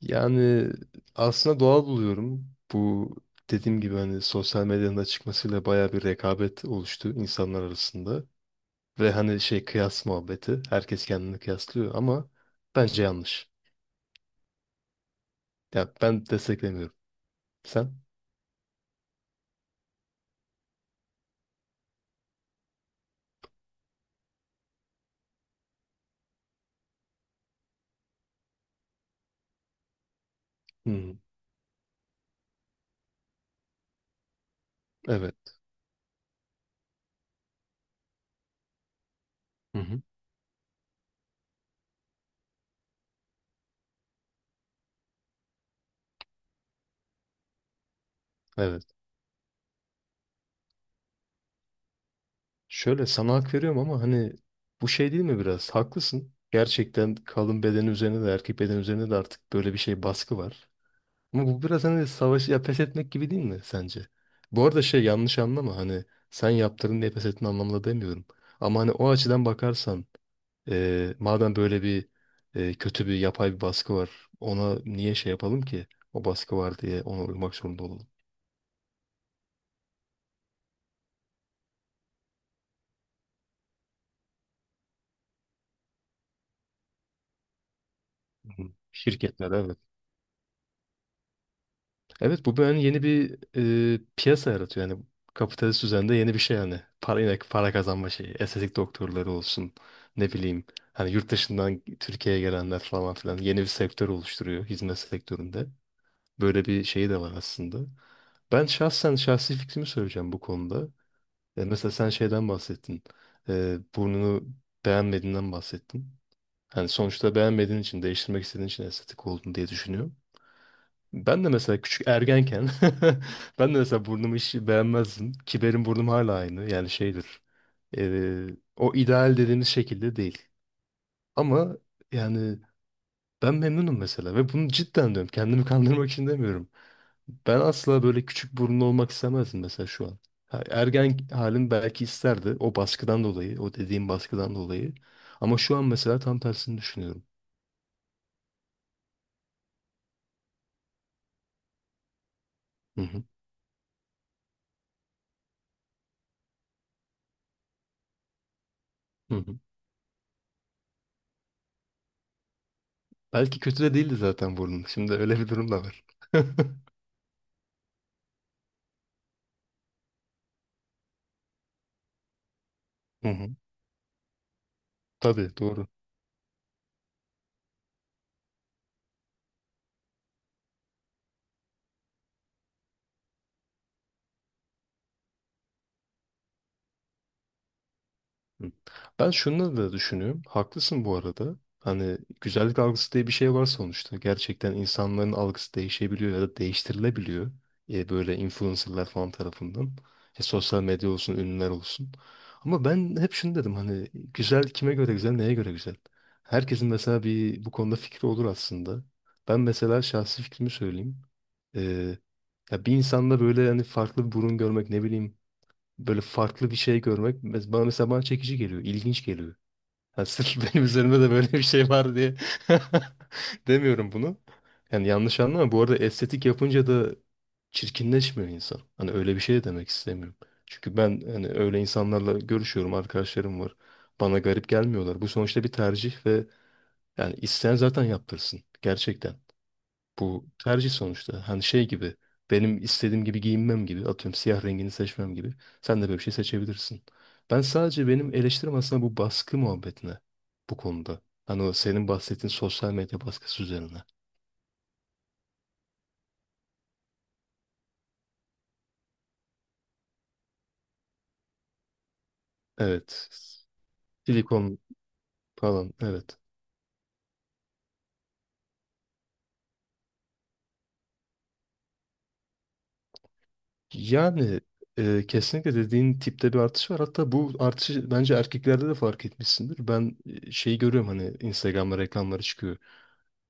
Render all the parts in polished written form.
Yani aslında doğal buluyorum. Bu dediğim gibi hani sosyal medyanın da çıkmasıyla bayağı bir rekabet oluştu insanlar arasında. Ve hani şey kıyas muhabbeti. Herkes kendini kıyaslıyor ama bence yanlış. Ya ben desteklemiyorum. Sen? Hmm, evet. Hı hı, evet. Şöyle sana hak veriyorum ama hani bu şey değil mi biraz? Haklısın. Gerçekten kadın bedeni üzerine de erkek bedeni üzerine de artık böyle bir şey baskı var. Ama bu biraz hani savaşı ya pes etmek gibi değil mi sence? Bu arada şey yanlış anlama hani sen yaptırdın diye pes ettin anlamında demiyorum. Ama hani o açıdan bakarsan madem böyle bir kötü bir yapay bir baskı var ona niye şey yapalım ki? O baskı var diye ona uymak zorunda olalım. Hı. Şirketler evet. Evet bu böyle hani yeni bir piyasa yaratıyor. Yani kapitalist düzende yeni bir şey yani. Para, yine para kazanma şeyi. Estetik doktorları olsun. Ne bileyim. Hani yurt dışından Türkiye'ye gelenler falan filan. Yeni bir sektör oluşturuyor hizmet sektöründe. Böyle bir şeyi de var aslında. Ben şahsen şahsi fikrimi söyleyeceğim bu konuda. Mesela sen şeyden bahsettin. Burnunu beğenmediğinden bahsettin. Hani sonuçta beğenmediğin için, değiştirmek istediğin için estetik olduğunu diye düşünüyorum. Ben de mesela küçük ergenken ben de mesela burnumu hiç beğenmezdim. Ki benim burnum hala aynı. Yani şeydir. eee, O ideal dediğimiz şekilde değil. Ama yani ben memnunum mesela ve bunu cidden diyorum. Kendimi kandırmak için demiyorum. Ben asla böyle küçük burunlu olmak istemezdim mesela şu an. Ha, ergen halim belki isterdi o baskıdan dolayı, o dediğim baskıdan dolayı. Ama şu an mesela tam tersini düşünüyorum. Hı hı, hı hı. Belki kötü de değildi zaten burnum. Şimdi öyle bir durum da var. Hı hı. Tabii doğru. Hı. Ben şunu da düşünüyorum. Haklısın bu arada. Hani güzellik algısı diye bir şey var sonuçta. Gerçekten insanların algısı değişebiliyor ya da değiştirilebiliyor. Böyle influencerlar falan tarafından. Sosyal medya olsun, ünlüler olsun. Ama ben hep şunu dedim hani güzel kime göre güzel, neye göre güzel? Herkesin mesela bir bu konuda fikri olur aslında. Ben mesela şahsi fikrimi söyleyeyim. E, Ya bir insanda böyle hani farklı bir burun görmek ne bileyim böyle farklı bir şey görmek bana mesela çekici geliyor, ilginç geliyor. Yani sırf benim üzerimde de böyle bir şey var diye demiyorum bunu. Yani yanlış anlama. Bu arada estetik yapınca da çirkinleşmiyor insan. Hani öyle bir şey de demek istemiyorum. Çünkü ben hani öyle insanlarla görüşüyorum, arkadaşlarım var. Bana garip gelmiyorlar. Bu sonuçta bir tercih ve yani isteyen zaten yaptırsın. Gerçekten. Bu tercih sonuçta. Hani şey gibi benim istediğim gibi giyinmem gibi atıyorum siyah rengini seçmem gibi. Sen de böyle bir şey seçebilirsin. Ben sadece benim eleştirim aslında bu baskı muhabbetine bu konuda. Hani o senin bahsettiğin sosyal medya baskısı üzerine. Evet. Silikon falan evet. Yani kesinlikle dediğin tipte bir artış var. Hatta bu artışı bence erkeklerde de fark etmişsindir. Ben şeyi görüyorum hani Instagram'da reklamları çıkıyor.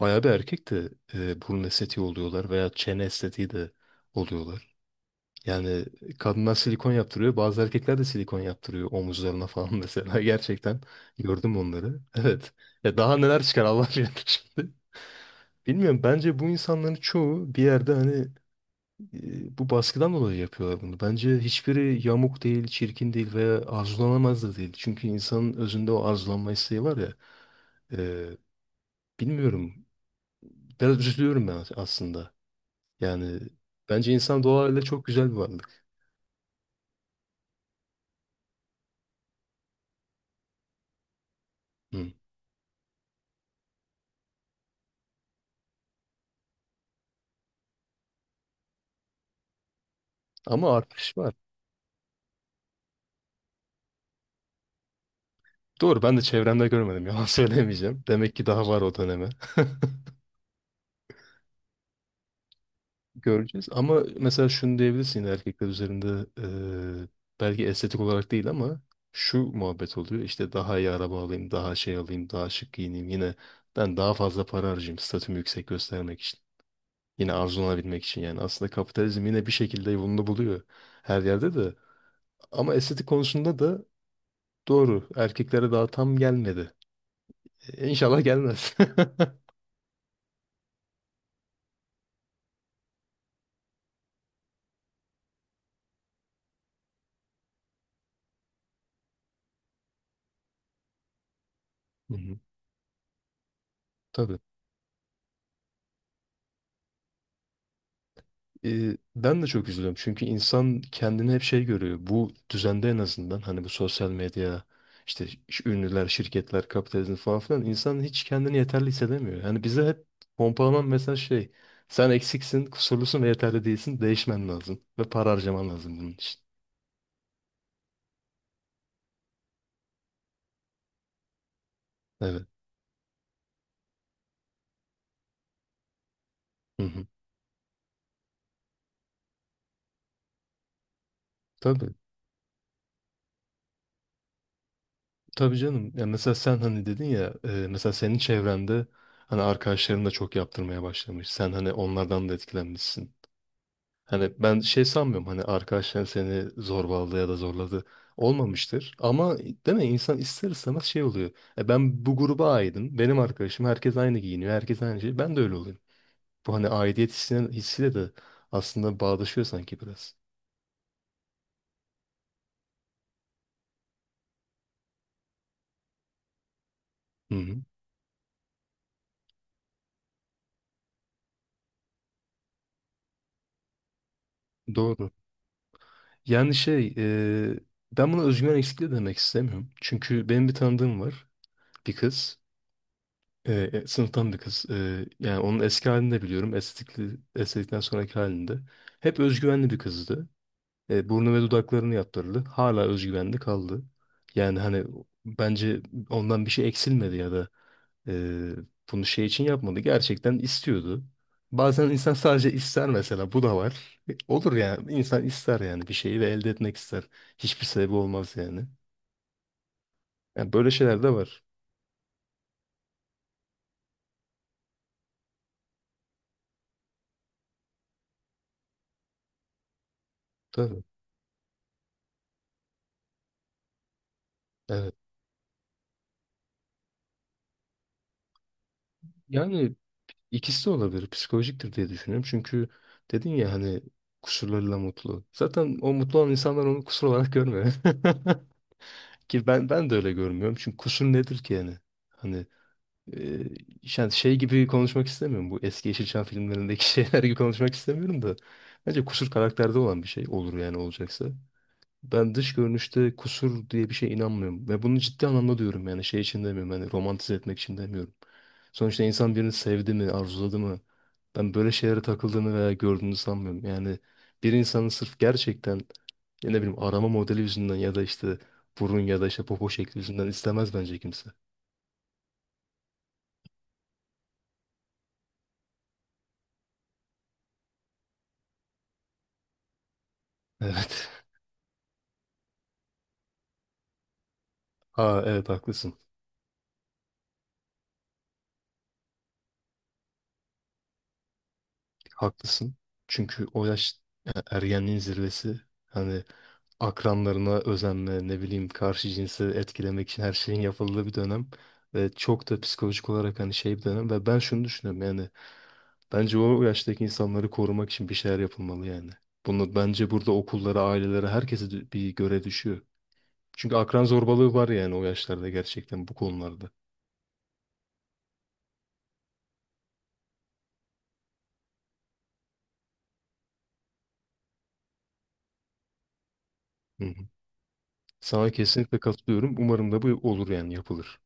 Bayağı bir erkek de burun estetiği oluyorlar veya çene estetiği de oluyorlar. Yani kadınlar silikon yaptırıyor. Bazı erkekler de silikon yaptırıyor omuzlarına falan mesela. Gerçekten gördüm onları. Evet. Ya daha neler çıkar Allah bilir şimdi. Bilmiyorum. Bence bu insanların çoğu bir yerde hani bu baskıdan dolayı yapıyorlar bunu. Bence hiçbiri yamuk değil, çirkin değil veya arzulanamaz da değil. Çünkü insanın özünde o arzulanma isteği var ya. e, Bilmiyorum. Biraz üzülüyorum ben aslında. Yani bence insan doğayla çok güzel bir varlık. Hı. Ama artış var. Doğru ben de çevremde görmedim yalan söylemeyeceğim. Demek ki daha var o döneme. Göreceğiz ama mesela şunu diyebilirsin yine erkekler üzerinde eee, belki estetik olarak değil ama şu muhabbet oluyor. İşte daha iyi araba alayım, daha şey alayım, daha şık giyineyim. Yine ben daha fazla para harcayayım statümü yüksek göstermek için. Yine arzulanabilmek için yani aslında kapitalizm yine bir şekilde yolunu buluyor her yerde de. Ama estetik konusunda da doğru. Erkeklere daha tam gelmedi. İnşallah gelmez. Hı hı. Tabii. Ben de çok üzülüyorum. Çünkü insan kendini hep şey görüyor. Bu düzende en azından hani bu sosyal medya, işte ünlüler, şirketler, kapitalizm falan filan insan hiç kendini yeterli hissedemiyor. Yani bize hep pompalanan mesaj şey. Sen eksiksin, kusurlusun ve yeterli değilsin. Değişmen lazım. Ve para harcaman lazım bunun için. Evet. Hı hı. Tabii. Tabii canım. Ya mesela sen hani dedin ya mesela senin çevrende hani arkadaşların da çok yaptırmaya başlamış. Sen hani onlardan da etkilenmişsin. Hani ben şey sanmıyorum hani arkadaşların seni zorbaladı ya da zorladı. Olmamıştır. Ama değil mi insan ister istemez şey oluyor. Ben bu gruba aidim. Benim arkadaşım herkes aynı giyiniyor. Herkes aynı şey. Ben de öyle olayım. Bu hani aidiyet hissine, hissiyle de aslında bağdaşıyor sanki biraz. Hı hı. Doğru. Yani şey, e, ben buna özgüven eksikliği demek istemiyorum. Çünkü benim bir tanıdığım var, bir kız, sınıftan bir kız. Yani onun eski halini de biliyorum, estetikli, estetikten sonraki halinde. Hep özgüvenli bir kızdı. Burnu ve dudaklarını yaptırdı. Hala özgüvenli kaldı. Yani hani bence ondan bir şey eksilmedi ya da ee, bunu şey için yapmadı. Gerçekten istiyordu. Bazen insan sadece ister mesela. Bu da var. Olur yani. İnsan ister yani bir şeyi ve elde etmek ister. Hiçbir sebebi olmaz yani. Yani böyle şeyler de var. Tabii. Evet. Yani ikisi de olabilir. Psikolojiktir diye düşünüyorum. Çünkü dedin ya hani kusurlarıyla mutlu. Zaten o mutlu olan insanlar onu kusur olarak görmüyor. Ki ben de öyle görmüyorum. Çünkü kusur nedir ki yani? Hani Ee, yani şey gibi konuşmak istemiyorum. Bu eski Yeşilçam filmlerindeki şeyler gibi konuşmak istemiyorum da. Bence kusur karakterde olan bir şey olur yani olacaksa. Ben dış görünüşte kusur diye bir şeye inanmıyorum. Ve bunu ciddi anlamda diyorum yani şey için demiyorum. Yani romantize etmek için demiyorum. Sonuçta insan birini sevdi mi, arzuladı mı? Ben böyle şeylere takıldığını veya gördüğünü sanmıyorum. Yani bir insanın sırf gerçekten ya ne bileyim arama modeli yüzünden ya da işte burun ya da işte popo şekli yüzünden istemez bence kimse. Evet. Aa evet haklısın. Haklısın. Çünkü o yaş ergenliğin zirvesi. Hani akranlarına özenme, ne bileyim karşı cinsi etkilemek için her şeyin yapıldığı bir dönem. Ve çok da psikolojik olarak hani şey bir dönem. Ve ben şunu düşünüyorum yani. Bence o yaştaki insanları korumak için bir şeyler yapılmalı yani. Bunu bence burada okullara, ailelere, herkese bir göre düşüyor. Çünkü akran zorbalığı var yani o yaşlarda gerçekten bu konularda. Hı hı. Sana kesinlikle katılıyorum. Umarım da bu olur yani yapılır.